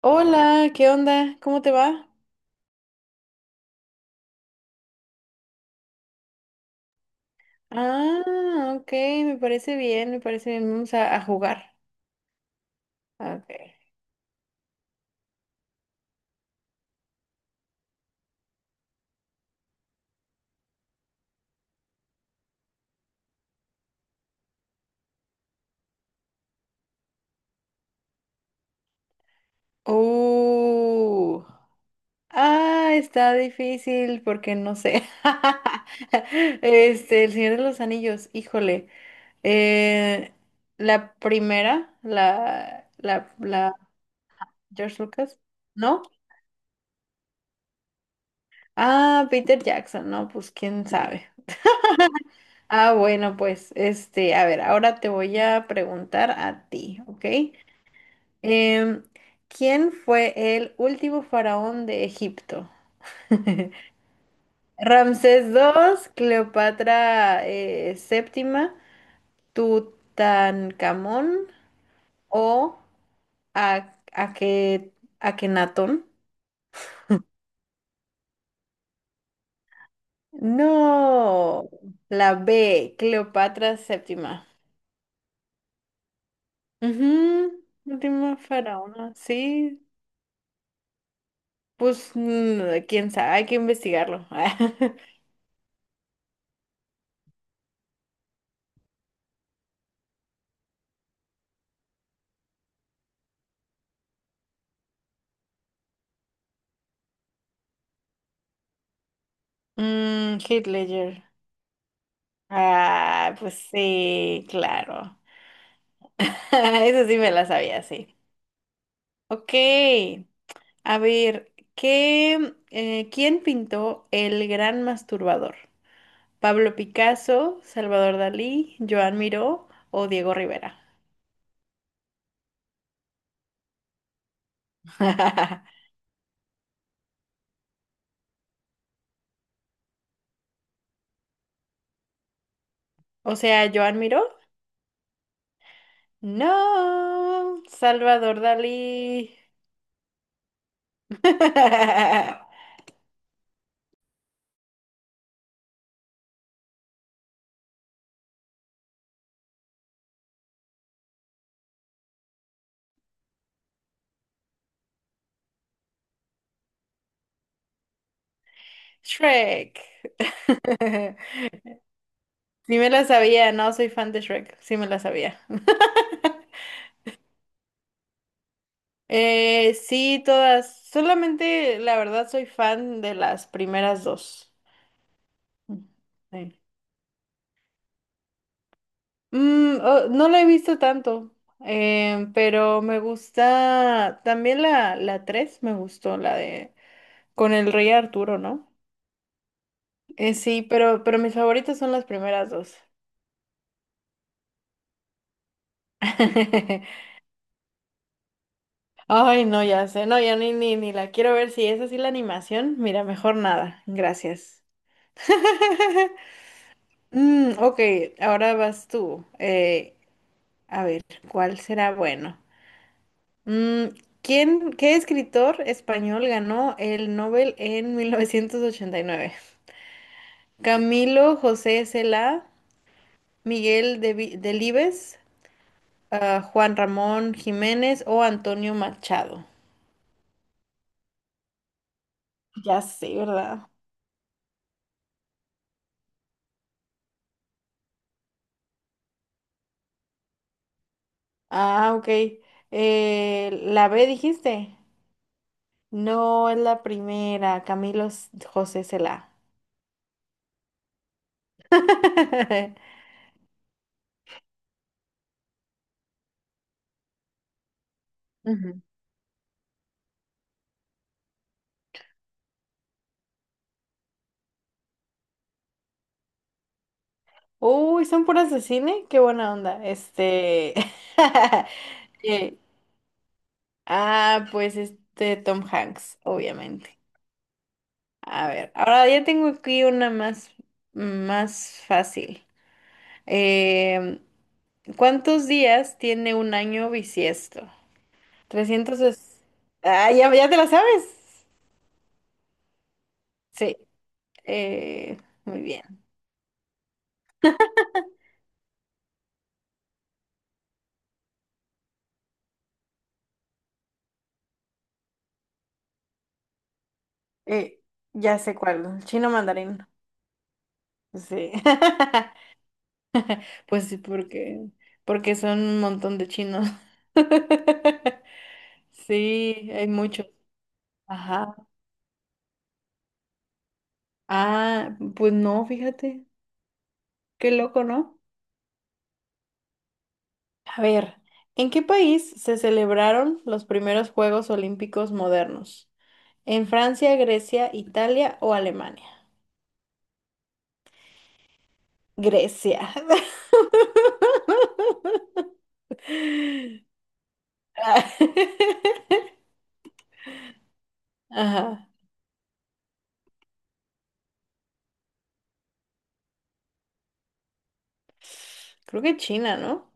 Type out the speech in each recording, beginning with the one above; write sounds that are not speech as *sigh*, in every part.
Hola, ¿qué onda? ¿Cómo te va? Ah, ok, me parece bien, me parece bien. Vamos a jugar. Ok. Uh, ah, está difícil porque no sé. *laughs* Este, El Señor de los Anillos, híjole. Eh, la primera, George Lucas, ¿no? Ah, Peter Jackson, no, pues quién sabe. Ah, bueno, pues, este, a ver, ahora te voy a preguntar a ti, ¿ok? Em, ¿Quién fue el último faraón de Egipto? *laughs* Ramsés II, Cleopatra séptima, Tutankamón o A- Ake- Akenatón. No, la B, Cleopatra séptima. Ujú, última faraona, sí. Pues, quién sabe, hay que investigarlo. *laughs* Heath Ledger. Ah, pues sí, claro. *laughs* Eso sí me la sabía, sí. Ok, a ver, ¿quién pintó El Gran Masturbador? ¿Pablo Picasso, Salvador Dalí, Joan Miró o Diego Rivera? *laughs* O sea, ¿Joan Miró? No, Salvador Dalí. *laughs* Shrek. *laughs* Sí me la sabía, no soy fan de Shrek, sí me la sabía. *laughs* Sí, todas. Solamente, la verdad, soy fan de las primeras dos. Mm, sí. Oh, no la he visto tanto, pero me gusta también la tres, me gustó, la de con el rey Arturo, ¿no? Sí, pero mis favoritas son las primeras dos. *laughs* Ay, no, ya sé, no, ya ni la quiero ver. Si es así la animación, mira, mejor nada. Gracias. Ok, ahora vas tú. A ver, ¿cuál será bueno? Mm, qué escritor español ganó el Nobel en 1989? Camilo José Cela, Miguel Delibes, Juan Ramón Jiménez o Antonio Machado. Ya sé, ¿verdad? Ah, ok. ¿La B dijiste? No, es la primera, Camilo José Cela. *laughs* Ujú. Uy, son puras de cine, qué buena onda. Este. *laughs* eh, pues este Tom Hanks, obviamente. A ver, ahora ya tengo aquí una más, más fácil. Em, ¿Cuántos días tiene un año bisiesto? Trescientos. Ah, ya, ya te la sabes. Sí, eh, muy bien. Eh, ya sé cuál, chino mandarín. Sí. *laughs* Pues sí, porque son un montón de chinos. *laughs* Sí, hay muchos. Ajá. Ah, pues no, fíjate. Qué loco, ¿no? A ver, ¿en qué país se celebraron los primeros Juegos Olímpicos modernos? ¿En Francia, Grecia, Italia o Alemania? Grecia. *laughs* Ajá. Creo que China, ¿no?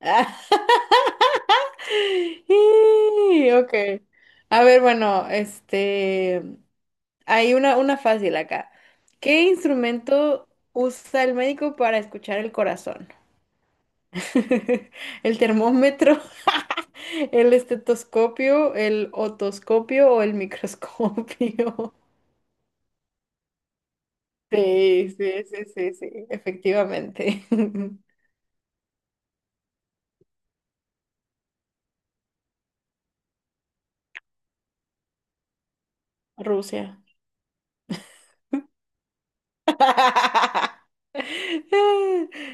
*laughs* Ok. A ver, bueno, este, hay una fácil acá. ¿Qué instrumento usa el médico para escuchar el corazón? *laughs* ¿El termómetro, *laughs* el estetoscopio, el otoscopio o el microscopio? *laughs* Sí, sí, sí, sí, sí, efectivamente. *laughs* Rusia. *laughs*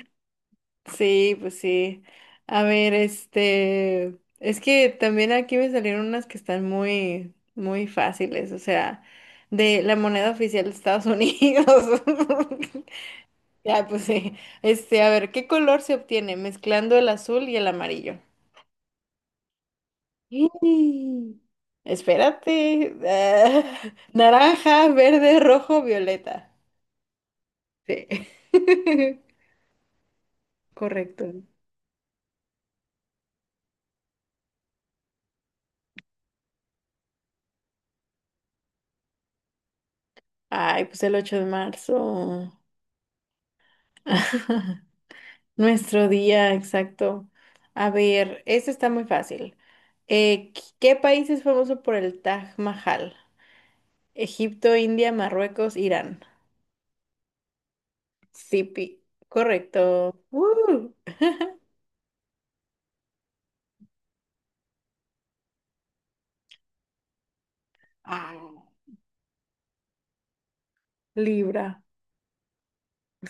Sí, pues sí. A ver, este, es que también aquí me salieron unas que están muy, muy fáciles, o sea, de la moneda oficial de Estados Unidos. *laughs* Ya, pues sí. Este, a ver, ¿qué color se obtiene mezclando el azul y el amarillo? ¡Ih! Espérate. Ah, *laughs* naranja, verde, rojo, violeta. Sí. *laughs* Correcto. Ay, pues el 8 de marzo. *laughs* Nuestro día, exacto. A ver, esto está muy fácil. ¿Qué país es famoso por el Taj Mahal? Egipto, India, Marruecos, Irán. Sipi. Correcto. ¡Woo! Ah, libra.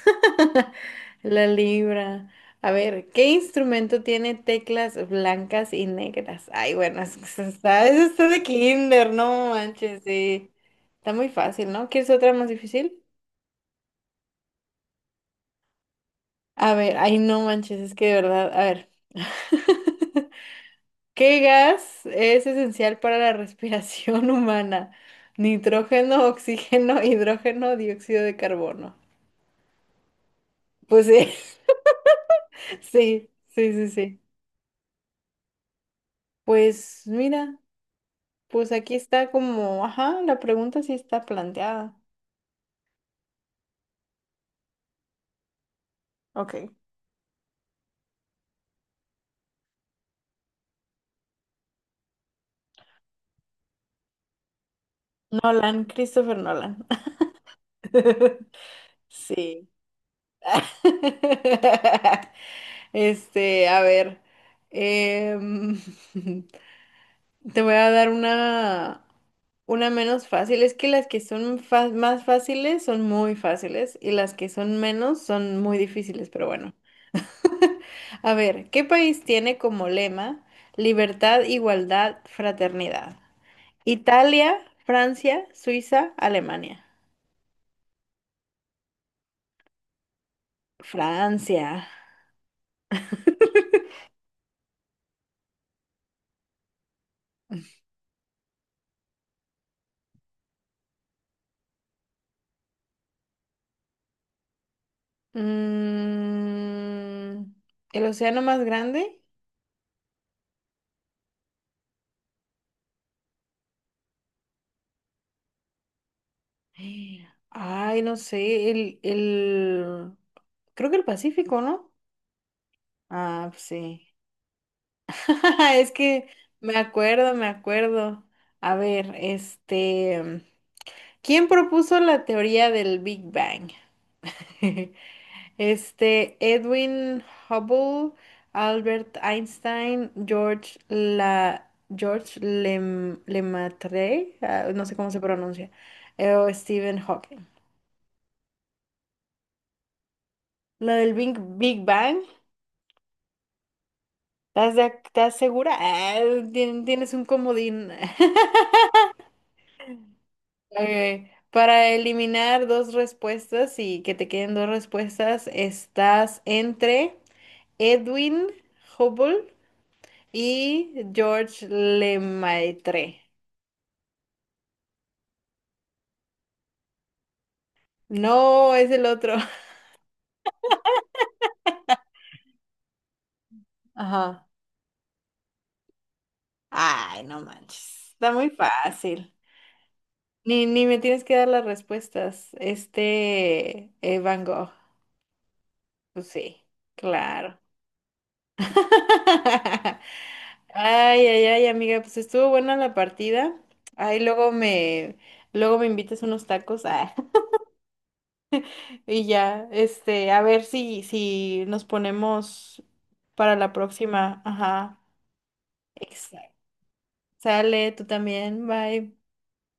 *laughs* La libra. A ver, ¿qué instrumento tiene teclas blancas y negras? Ay, bueno, *laughs* eso está de kinder, no manches, sí. Está muy fácil, ¿no? ¿Quieres otra más difícil? A ver, ay, no manches, es que de verdad, a ver. *laughs* ¿Qué gas es esencial para la *laughs* respiración humana? Nitrógeno, oxígeno, hidrógeno, dióxido de carbono. Pues sí, *laughs* sí, sí, sí, sí. Pues mira, pues aquí está como, ajá, la pregunta sí está planteada. Ok. Nolan, Christopher Nolan. *laughs* Sí. *laughs* Este, a ver. em, *laughs* Te voy a dar una menos fácil. Es que las que son más fáciles son muy fáciles y las que son menos son muy difíciles, pero bueno. *laughs* A ver, ¿qué país tiene como lema libertad, igualdad, fraternidad? Italia, Francia, Suiza, Alemania. Francia. *laughs* Mm, ¿El océano más grande? Ay, no sé, creo que el Pacífico, ¿no? Ah, pues sí. *laughs* Es que me acuerdo, me acuerdo. A ver, este, ¿quién propuso la teoría del Big Bang? *laughs* Este, Edwin Hubble, Albert Einstein, George La, George Lem- Lemaitre, no sé cómo se pronuncia, o Stephen Hawking. La del Big Bang. ¿Estás, estás segura? Ah, tienes un comodín. *laughs* Ok. Para eliminar dos respuestas y que te queden dos respuestas, estás entre Edwin Hubble y George Lemaitre. No, es el otro. *laughs* Ajá. Ay, no manches. Está muy fácil. Ni me tienes que dar las respuestas. Este, Van Gogh. Pues sí, claro. *laughs* Ay, ay, ay, amiga, pues estuvo buena la partida. Ay, luego me invitas unos tacos. Ah, *laughs* y ya, este, a ver si nos ponemos para la próxima. Ajá. Exacto. Sale, tú también. Bye.